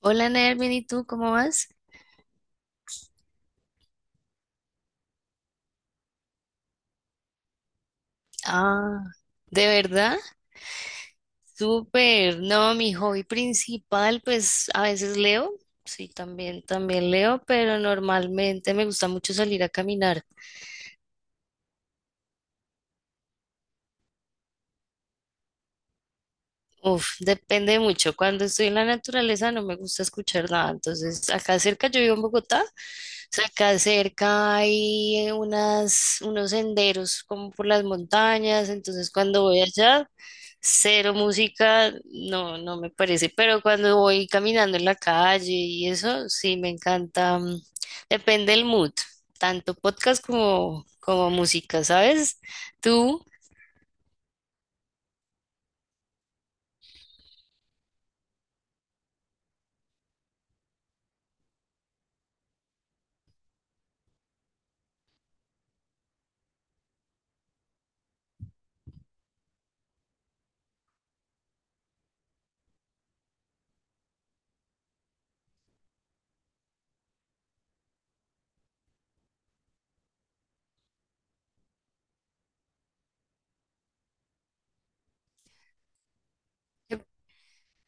Hola, Ner, bien, ¿y tú cómo vas? Ah, ¿de verdad? Súper. No, mi hobby principal, pues a veces leo, sí, también leo, pero normalmente me gusta mucho salir a caminar. Uf, depende mucho. Cuando estoy en la naturaleza no me gusta escuchar nada. Entonces, acá cerca, yo vivo en Bogotá, entonces acá cerca hay unos senderos como por las montañas. Entonces, cuando voy allá, cero música, no, no me parece. Pero cuando voy caminando en la calle y eso, sí me encanta. Depende del mood, tanto podcast como música, ¿sabes? Tú,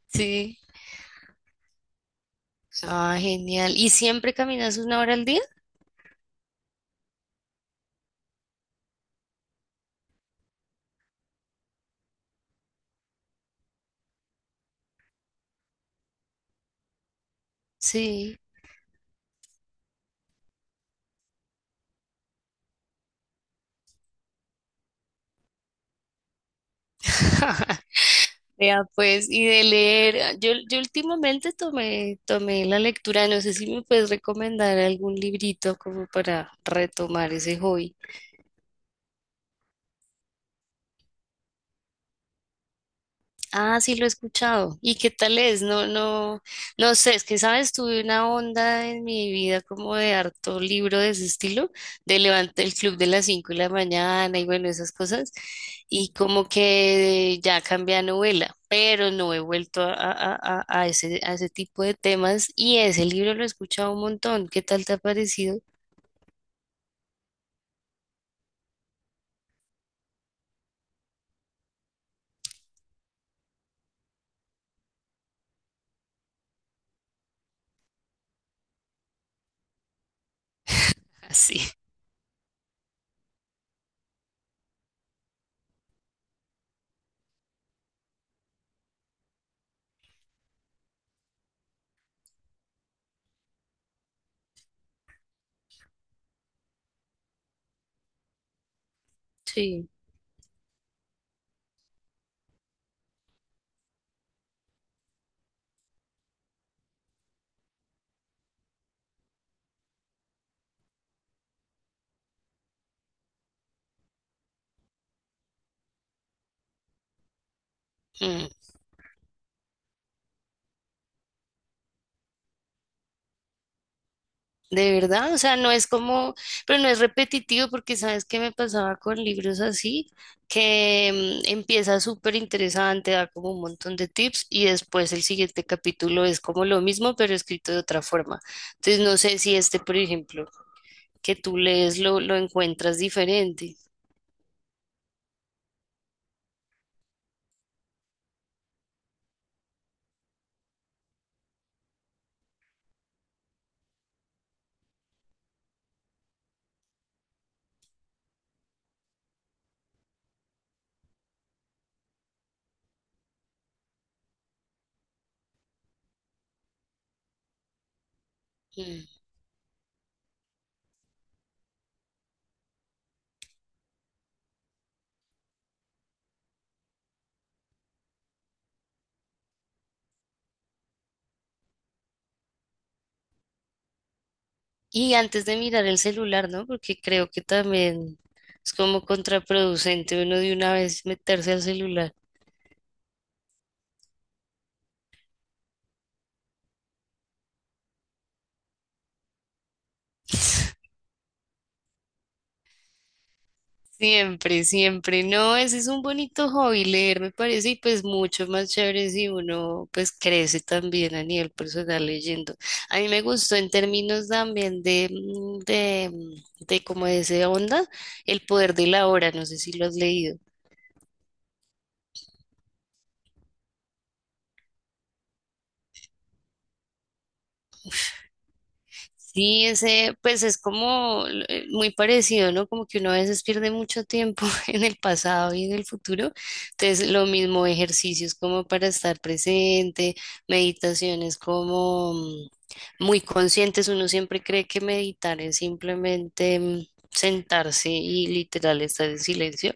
sí. Ah, genial. ¿Y siempre caminas una hora al día? Sí. Vea, pues, y de leer, yo últimamente tomé la lectura, no sé si me puedes recomendar algún librito como para retomar ese hobby. Ah, sí, lo he escuchado. ¿Y qué tal es? No, no, no sé, es que, sabes, tuve una onda en mi vida como de harto libro de ese estilo, de levantar el club de las 5 de la mañana y bueno, esas cosas, y como que ya cambié a novela, pero no he vuelto a ese tipo de temas y ese libro lo he escuchado un montón. ¿Qué tal te ha parecido? Así. Sí. Mm. De verdad, o sea, no es como, pero no es repetitivo porque sabes qué me pasaba con libros así, que empieza súper interesante, da como un montón de tips y después el siguiente capítulo es como lo mismo, pero escrito de otra forma. Entonces, no sé si este, por ejemplo, que tú lees lo encuentras diferente. Mm. Y antes de mirar el celular, ¿no? Porque creo que también es como contraproducente uno de una vez meterse al celular. Siempre, siempre. No, ese es un bonito hobby, leer me parece, y pues mucho más chévere si uno pues crece también a nivel personal leyendo. A mí me gustó en términos también de como de esa onda, El poder de la hora, no sé si lo has leído. Sí, ese, pues es como muy parecido, ¿no? Como que uno a veces pierde mucho tiempo en el pasado y en el futuro. Entonces, lo mismo, ejercicios como para estar presente, meditaciones como muy conscientes. Uno siempre cree que meditar es simplemente sentarse y literal estar en silencio,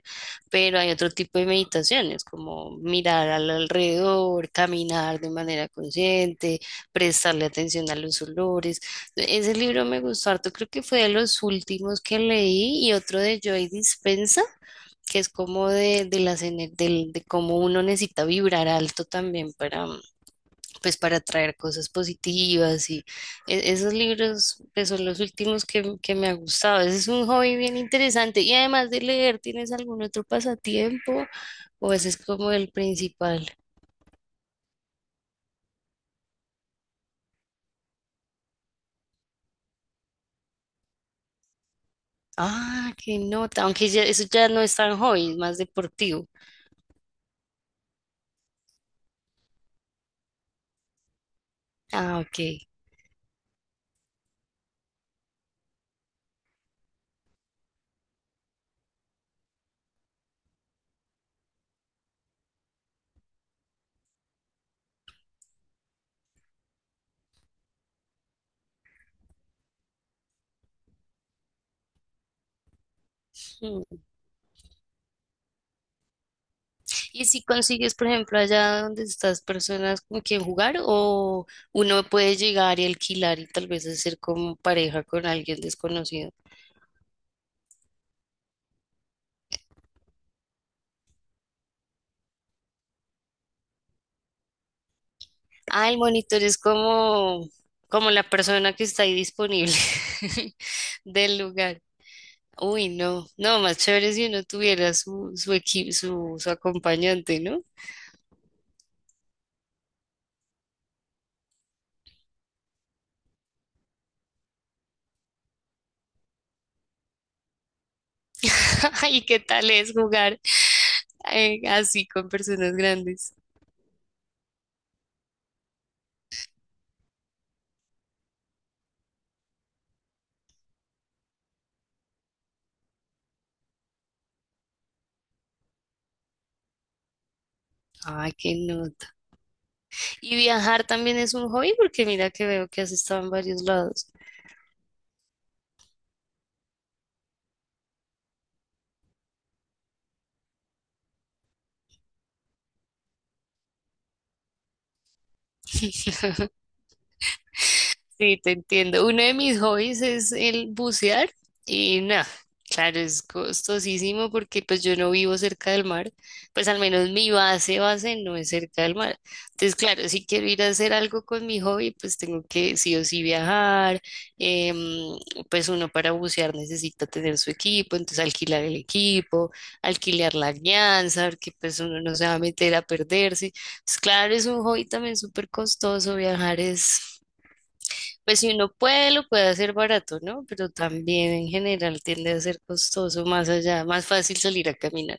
pero hay otro tipo de meditaciones, como mirar al alrededor, caminar de manera consciente, prestarle atención a los olores. Ese libro me gustó harto, creo que fue de los últimos que leí y otro de Joy Dispensa, que es como de las ener- del- de cómo uno necesita vibrar alto también para, pues para atraer cosas positivas y esos libros pues, son los últimos que me ha gustado. Ese es un hobby bien interesante y además de leer, ¿tienes algún otro pasatiempo o ese es como el principal? Ah, qué nota, aunque ya, eso ya no es tan hobby, es más deportivo. Ah, ok. Y si consigues, por ejemplo, allá donde estás personas con quien jugar, o uno puede llegar y alquilar y tal vez hacer como pareja con alguien desconocido. Ah, el monitor es como, como la persona que está ahí disponible del lugar. Uy, no, no, más chévere si uno tuviera su, su equipo, su acompañante, ¿no? Ay, ¿qué tal es jugar así con personas grandes? Ay, que no. Y viajar también es un hobby porque mira que veo que has estado en varios lados. Sí, te entiendo. Uno de mis hobbies es el bucear y nada, claro, es costosísimo porque pues yo no vivo cerca del mar, pues al menos mi base, base no es cerca del mar. Entonces, claro, si quiero ir a hacer algo con mi hobby, pues tengo que sí o sí viajar, em, pues uno para bucear necesita tener su equipo, entonces alquilar el equipo, alquilar la guianza, porque pues uno no se va a meter a perderse. Pues claro, es un hobby también súper costoso, viajar es... Pues si uno puede, lo puede hacer barato, ¿no? Pero también en general tiende a ser costoso más allá, más fácil salir a caminar.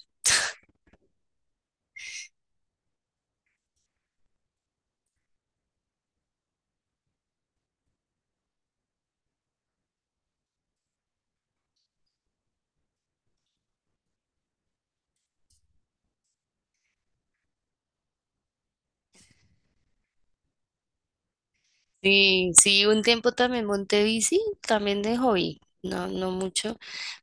Sí, sí, un tiempo también monté bici, también de hobby, no, no mucho,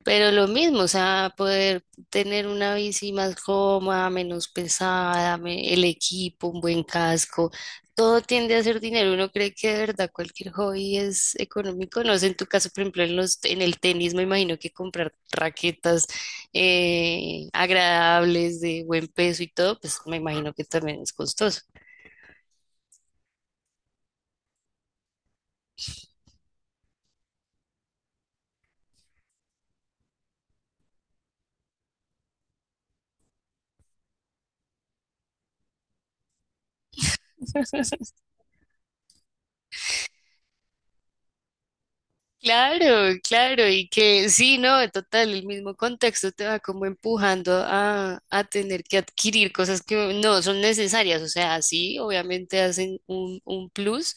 pero lo mismo, o sea, poder tener una bici más cómoda, menos pesada, el equipo, un buen casco, todo tiende a ser dinero. Uno cree que de verdad cualquier hobby es económico, no sé, en tu caso, por ejemplo, en los, en el tenis, me imagino que comprar raquetas agradables, de buen peso y todo, pues me imagino que también es costoso. Claro, claro, y que sí, no, en total, el mismo contexto te va como empujando a tener que adquirir cosas que no son necesarias, o sea, sí, obviamente hacen un plus,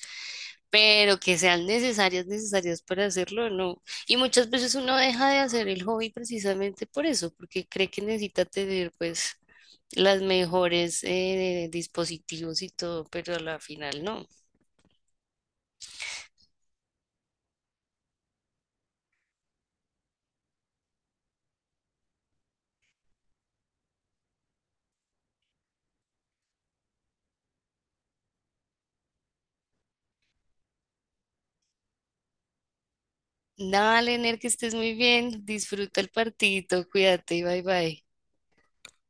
pero que sean necesarias, necesarias para hacerlo, no. Y muchas veces uno deja de hacer el hobby precisamente por eso, porque cree que necesita tener pues las mejores dispositivos y todo, pero a la final no. Dale, Ner, que estés muy bien. Disfruta el partidito. Cuídate. Bye bye.